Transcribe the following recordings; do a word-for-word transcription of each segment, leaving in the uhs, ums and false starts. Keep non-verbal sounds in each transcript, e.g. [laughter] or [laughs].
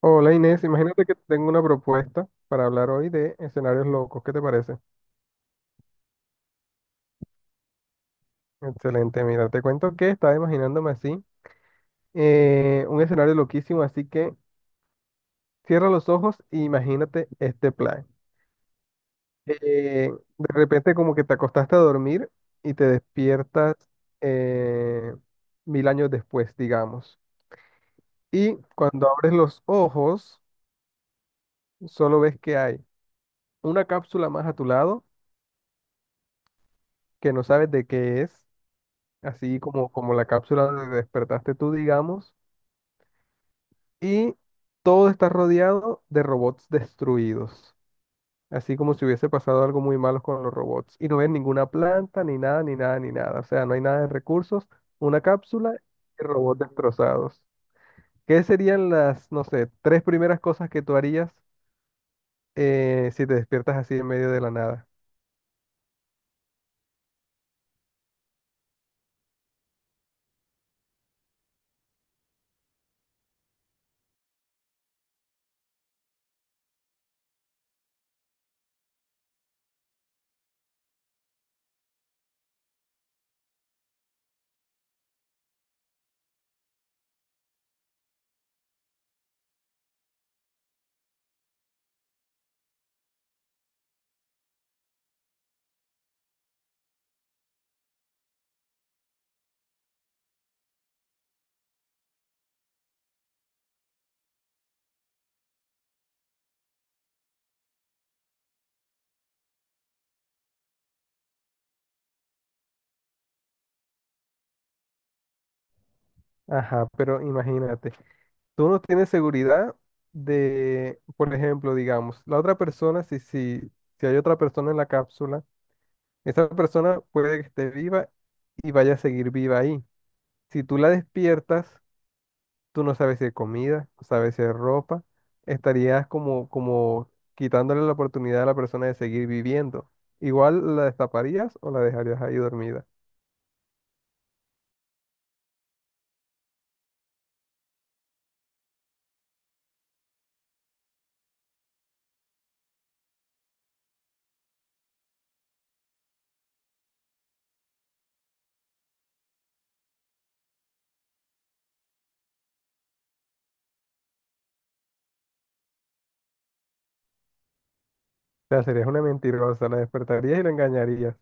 Hola Inés, imagínate que tengo una propuesta para hablar hoy de escenarios locos. ¿Qué te parece? Excelente, mira, te cuento que estaba imaginándome así, eh, un escenario loquísimo, así que cierra los ojos e imagínate este plan. Eh, de repente como que te acostaste a dormir y te despiertas eh, mil años después, digamos. Y cuando abres los ojos, solo ves que hay una cápsula más a tu lado que no sabes de qué es, así como, como la cápsula donde despertaste tú, digamos, y todo está rodeado de robots destruidos, así como si hubiese pasado algo muy malo con los robots, y no ves ninguna planta, ni nada, ni nada, ni nada, o sea, no hay nada de recursos, una cápsula y robots destrozados. ¿Qué serían las, no sé, tres primeras cosas que tú harías eh, si te despiertas así en medio de la nada? Ajá, pero imagínate. Tú no tienes seguridad de, por ejemplo, digamos, la otra persona, si, si, si hay otra persona en la cápsula, esa persona puede que esté viva y vaya a seguir viva ahí. Si tú la despiertas, tú no sabes si hay comida, no sabes si hay ropa, estarías como, como quitándole la oportunidad a la persona de seguir viviendo. Igual la destaparías o la dejarías ahí dormida. O sea, serías una mentirosa, la despertarías y la engañarías.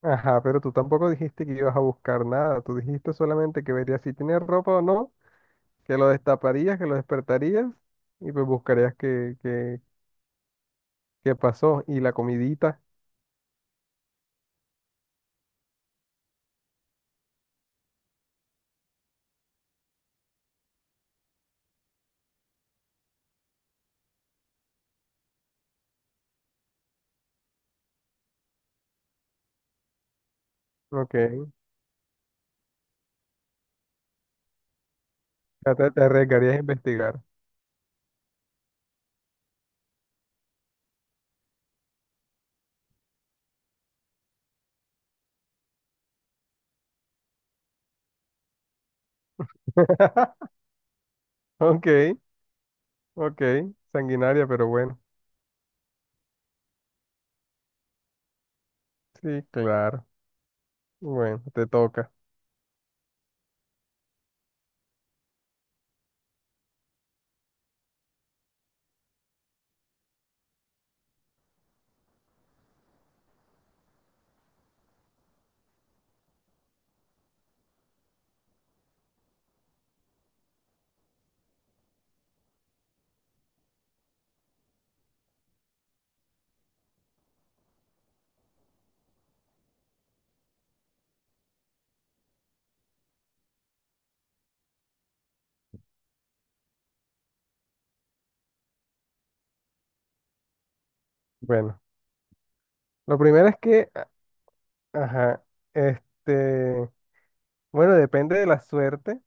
Ajá, pero tú tampoco dijiste que ibas a buscar nada. Tú dijiste solamente que verías si tiene ropa o no, que lo destaparías, que lo despertarías y pues buscarías qué, qué, qué pasó. Y la comidita, ok. Ya te, te arriesgarías a investigar. [laughs] Ok, ok. Sanguinaria, pero bueno. Sí, claro. Bueno, te toca. Bueno, lo primero es que, ajá, este, bueno, depende de la suerte.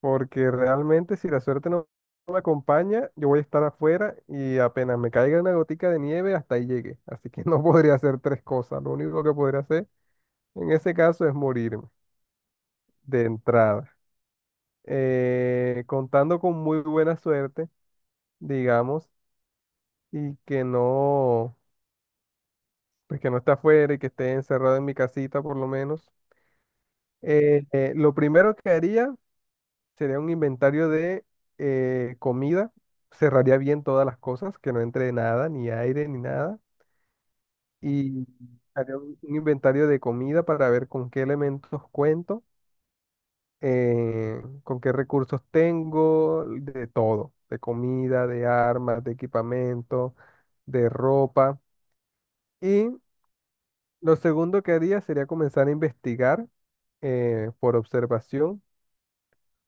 Porque realmente si la suerte no no me acompaña, yo voy a estar afuera y apenas me caiga una gotica de nieve, hasta ahí llegué. Así que no [laughs] podría hacer tres cosas. Lo único que podría hacer en ese caso es morirme de entrada. Eh, contando con muy buena suerte, digamos, y que no, pues que no esté afuera y que esté encerrado en mi casita por lo menos. Eh, eh, lo primero que haría sería un inventario de eh, comida. Cerraría bien todas las cosas, que no entre nada, ni aire, ni nada. Y haría un un inventario de comida para ver con qué elementos cuento, eh, con qué recursos tengo, de todo, de comida, de armas, de equipamiento, de ropa. Y lo segundo que haría sería comenzar a investigar eh, por observación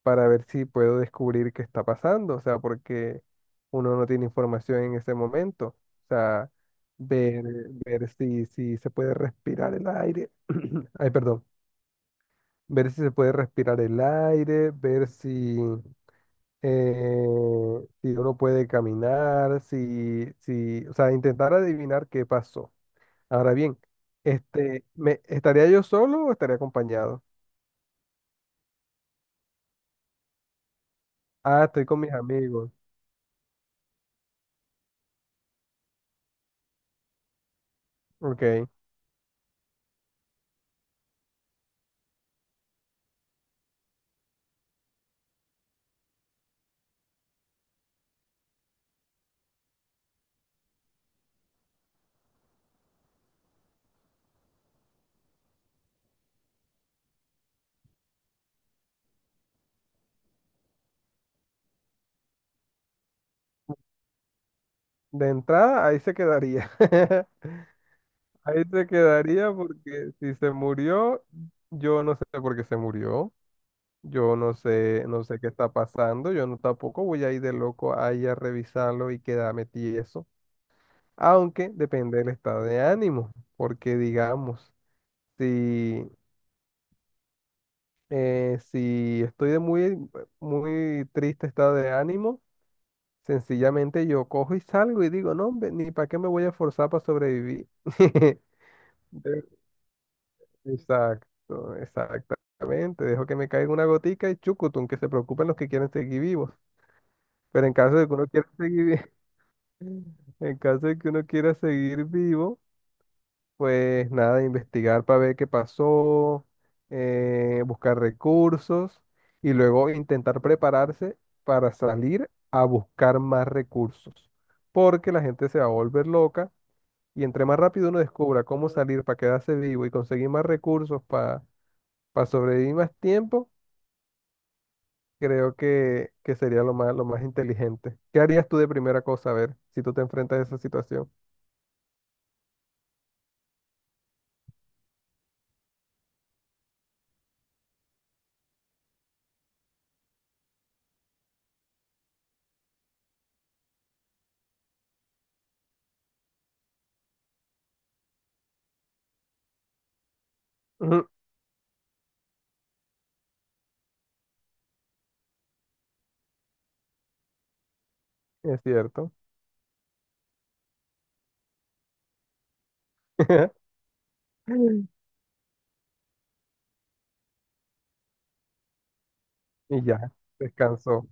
para ver si puedo descubrir qué está pasando, o sea, porque uno no tiene información en ese momento, o sea, ver, ver si, si se puede respirar el aire, [clears throat] ay, perdón, ver si se puede respirar el aire, ver si, eh, si uno puede caminar, si, si, o sea, intentar adivinar qué pasó. Ahora bien, este, ¿me, estaría yo solo o estaría acompañado? Ah, estoy con mis amigos, ok. De entrada, ahí se quedaría. [laughs] Ahí se quedaría porque si se murió, yo no sé por qué se murió. Yo no sé, no sé qué está pasando. Yo no tampoco voy a ir de loco ahí a revisarlo y quedarme tieso. Aunque depende del estado de ánimo. Porque digamos, si, eh, si estoy de muy, muy triste estado de ánimo, sencillamente yo cojo y salgo y digo, no, hombre, ni para qué me voy a forzar para sobrevivir. [laughs] [laughs] Exacto, exactamente. Dejo que me caiga una gotica y chucutun que se preocupen los que quieren seguir vivos. Pero en caso de que uno quiera seguir, vi- [laughs] en caso de que uno quiera seguir vivo, pues nada, investigar para ver qué pasó, eh, buscar recursos y luego intentar prepararse para salir a buscar más recursos. Porque la gente se va a volver loca y entre más rápido uno descubra cómo salir para quedarse vivo y conseguir más recursos para para sobrevivir más tiempo, creo que, que sería lo más, lo más inteligente. ¿Qué harías tú de primera cosa, a ver, si tú te enfrentas a esa situación? Ujú, es cierto. [laughs] Y ya, descansó.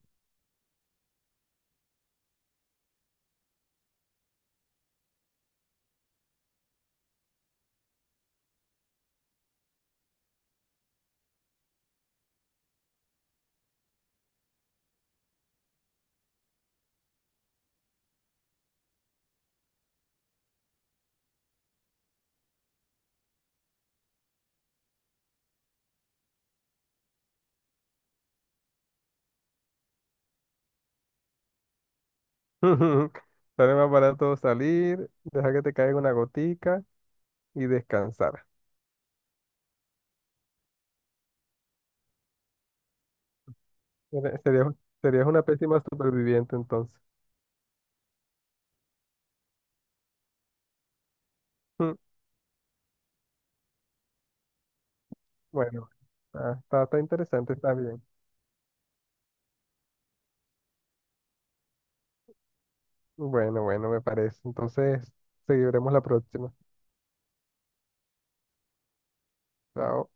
[laughs] Sale más barato salir, dejar que te caiga una gotica y descansar. Eres- Serías, serías una pésima superviviente entonces. Mm, bueno, ah, está, está interesante, está bien. Bueno, bueno, me parece. Entonces, seguiremos la próxima. Chao.